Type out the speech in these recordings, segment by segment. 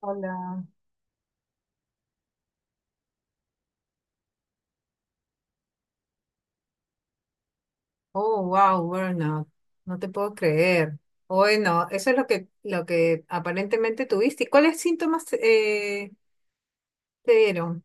Hola. Oh, wow, burnout. No te puedo creer. Bueno, eso es lo que aparentemente tuviste. ¿Y cuáles síntomas te dieron?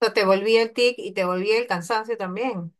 O sea, te volví el tic y te volví el cansancio también.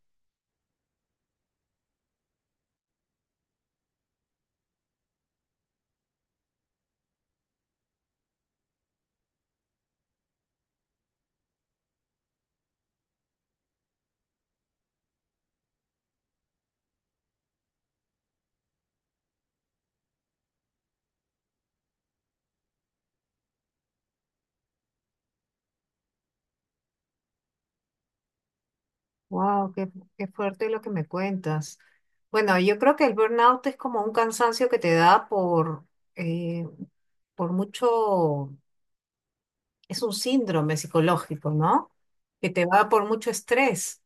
Wow, qué, qué fuerte lo que me cuentas. Bueno, yo creo que el burnout es como un cansancio que te da eh, por mucho, es un síndrome psicológico, ¿no? Que te va por mucho estrés.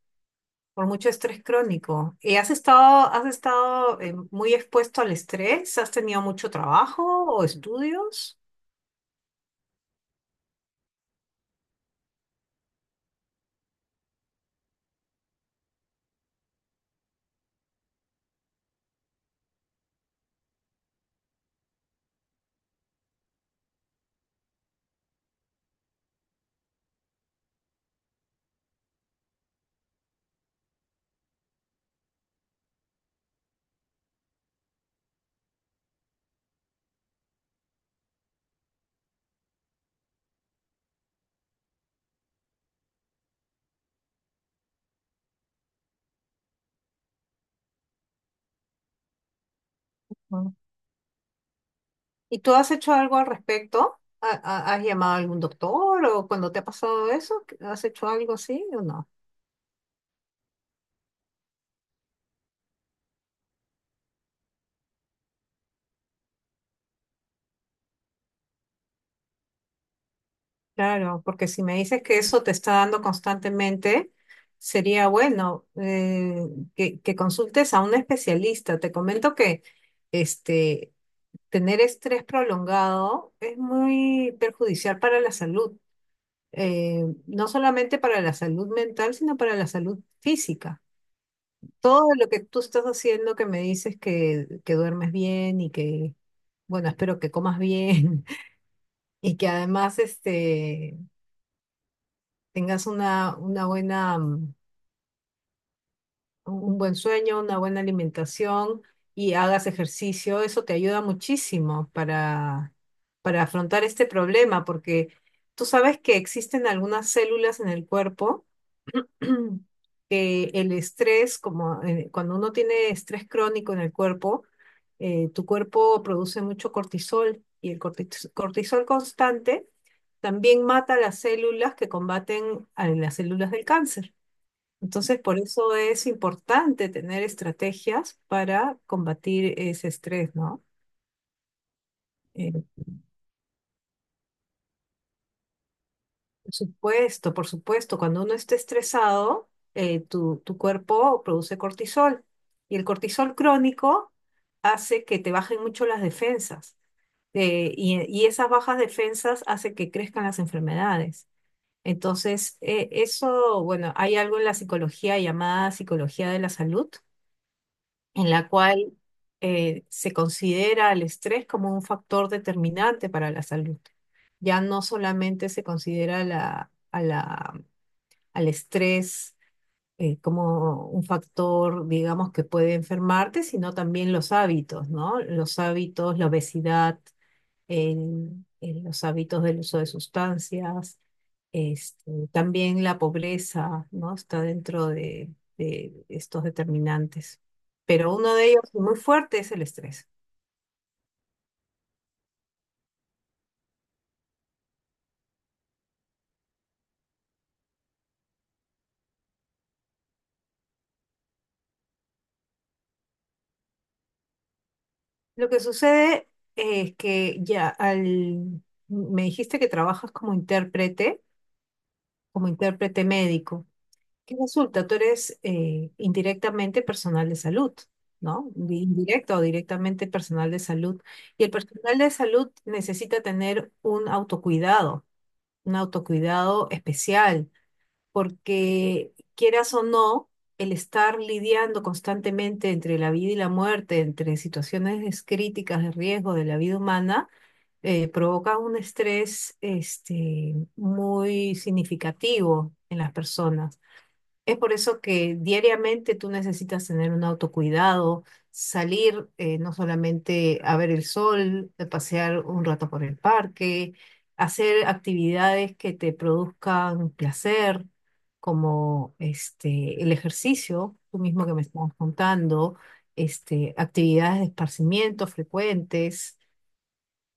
Por mucho estrés crónico. ¿Y has estado muy expuesto al estrés? ¿Has tenido mucho trabajo o estudios? Mm. ¿Y tú has hecho algo al respecto? ¿Has llamado a algún doctor o cuando te ha pasado eso? ¿Has hecho algo así o no? Claro, porque si me dices que eso te está dando constantemente, sería bueno que consultes a un especialista. Te comento que este, tener estrés prolongado es muy perjudicial para la salud, no solamente para la salud mental, sino para la salud física. Todo lo que tú estás haciendo, que me dices que duermes bien y que, bueno, espero que comas bien y que además este, tengas una buena un buen sueño, una buena alimentación y hagas ejercicio, eso te ayuda muchísimo para afrontar este problema, porque tú sabes que existen algunas células en el cuerpo que el estrés, como cuando uno tiene estrés crónico en el cuerpo, tu cuerpo produce mucho cortisol y el cortisol constante también mata las células que combaten a las células del cáncer. Entonces, por eso es importante tener estrategias para combatir ese estrés, ¿no? Eh, por supuesto, por supuesto, cuando uno está estresado, tu, tu cuerpo produce cortisol y el cortisol crónico hace que te bajen mucho las defensas y esas bajas defensas hacen que crezcan las enfermedades. Entonces, eso, bueno, hay algo en la psicología llamada psicología de la salud en la cual se considera el estrés como un factor determinante para la salud. Ya no solamente se considera al estrés como un factor, digamos, que puede enfermarte, sino también los hábitos, ¿no? Los hábitos, la obesidad, los hábitos del uso de sustancias, este, también la pobreza, ¿no? Está dentro de estos determinantes. Pero uno de ellos muy fuerte es el estrés. Lo que sucede es que ya al... Me dijiste que trabajas como intérprete médico. ¿Qué resulta? Tú eres indirectamente personal de salud, ¿no? Indirecto o directamente personal de salud. Y el personal de salud necesita tener un autocuidado especial, porque quieras o no, el estar lidiando constantemente entre la vida y la muerte, entre situaciones críticas de riesgo de la vida humana, provoca un estrés este, muy significativo en las personas. Es por eso que diariamente tú necesitas tener un autocuidado, salir no solamente a ver el sol, a pasear un rato por el parque, hacer actividades que te produzcan placer, como este, el ejercicio, tú mismo que me estás contando, este, actividades de esparcimiento frecuentes.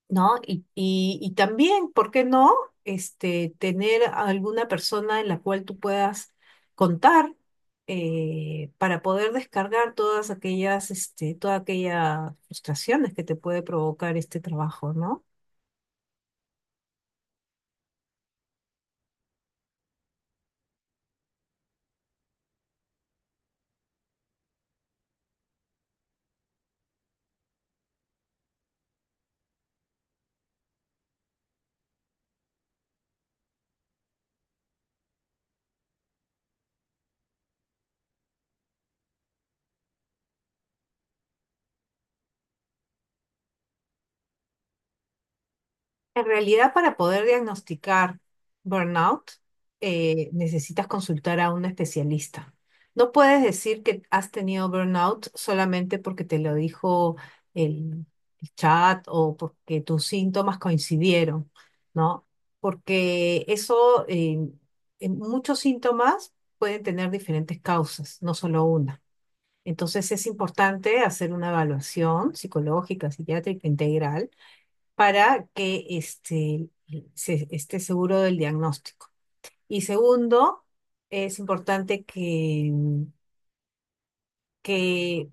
¿No? Y también, ¿por qué no? Este, tener a alguna persona en la cual tú puedas contar para poder descargar todas aquellas, este, todas aquellas frustraciones que te puede provocar este trabajo, ¿no? En realidad, para poder diagnosticar burnout, necesitas consultar a un especialista. No puedes decir que has tenido burnout solamente porque te lo dijo el, el chat o porque tus síntomas coincidieron, ¿no? Porque eso, en muchos síntomas pueden tener diferentes causas, no solo una. Entonces es importante hacer una evaluación psicológica, psiquiátrica integral para que este, esté seguro del diagnóstico. Y segundo, es importante que,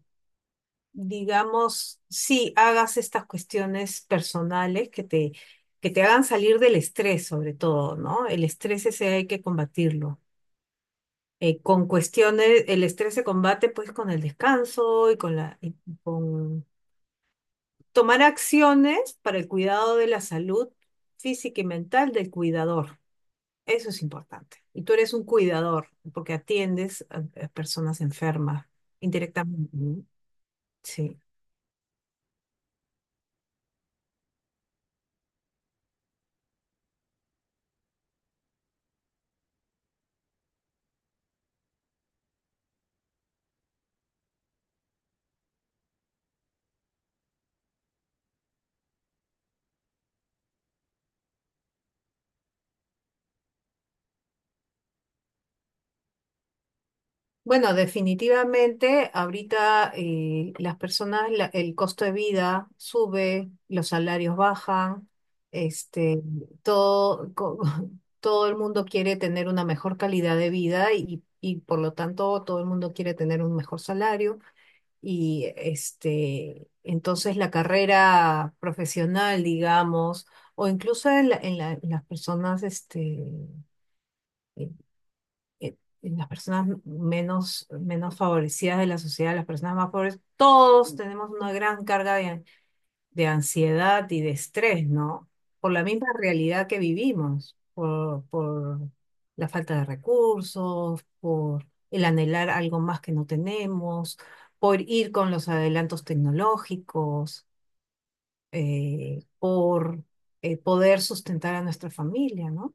digamos, sí hagas estas cuestiones personales que te hagan salir del estrés, sobre todo, ¿no? El estrés ese hay que combatirlo. Con cuestiones, el estrés se combate pues con el descanso y con la, y con tomar acciones para el cuidado de la salud física y mental del cuidador. Eso es importante. Y tú eres un cuidador, porque atiendes a personas enfermas indirectamente. ¿No? Sí. Bueno, definitivamente ahorita las personas, el costo de vida sube, los salarios bajan, este, todo, todo el mundo quiere tener una mejor calidad de vida y por lo tanto todo el mundo quiere tener un mejor salario. Y este, entonces la carrera profesional, digamos, o incluso en, en las personas, este, eh, eh, en las personas menos, menos favorecidas de la sociedad, las personas más pobres, todos tenemos una gran carga de ansiedad y de estrés, ¿no? Por la misma realidad que vivimos, por la falta de recursos, por el anhelar algo más que no tenemos, por ir con los adelantos tecnológicos, por poder sustentar a nuestra familia, ¿no?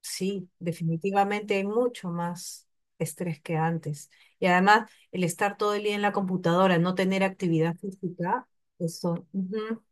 Sí, definitivamente hay mucho más estrés que antes. Y además, el estar todo el día en la computadora, no tener actividad física, eso. Ujú.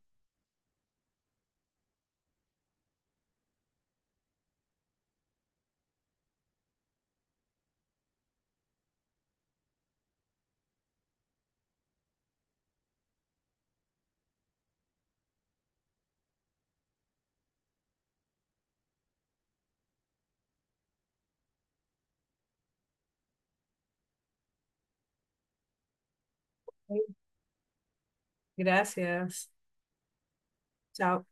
Gracias. Chao.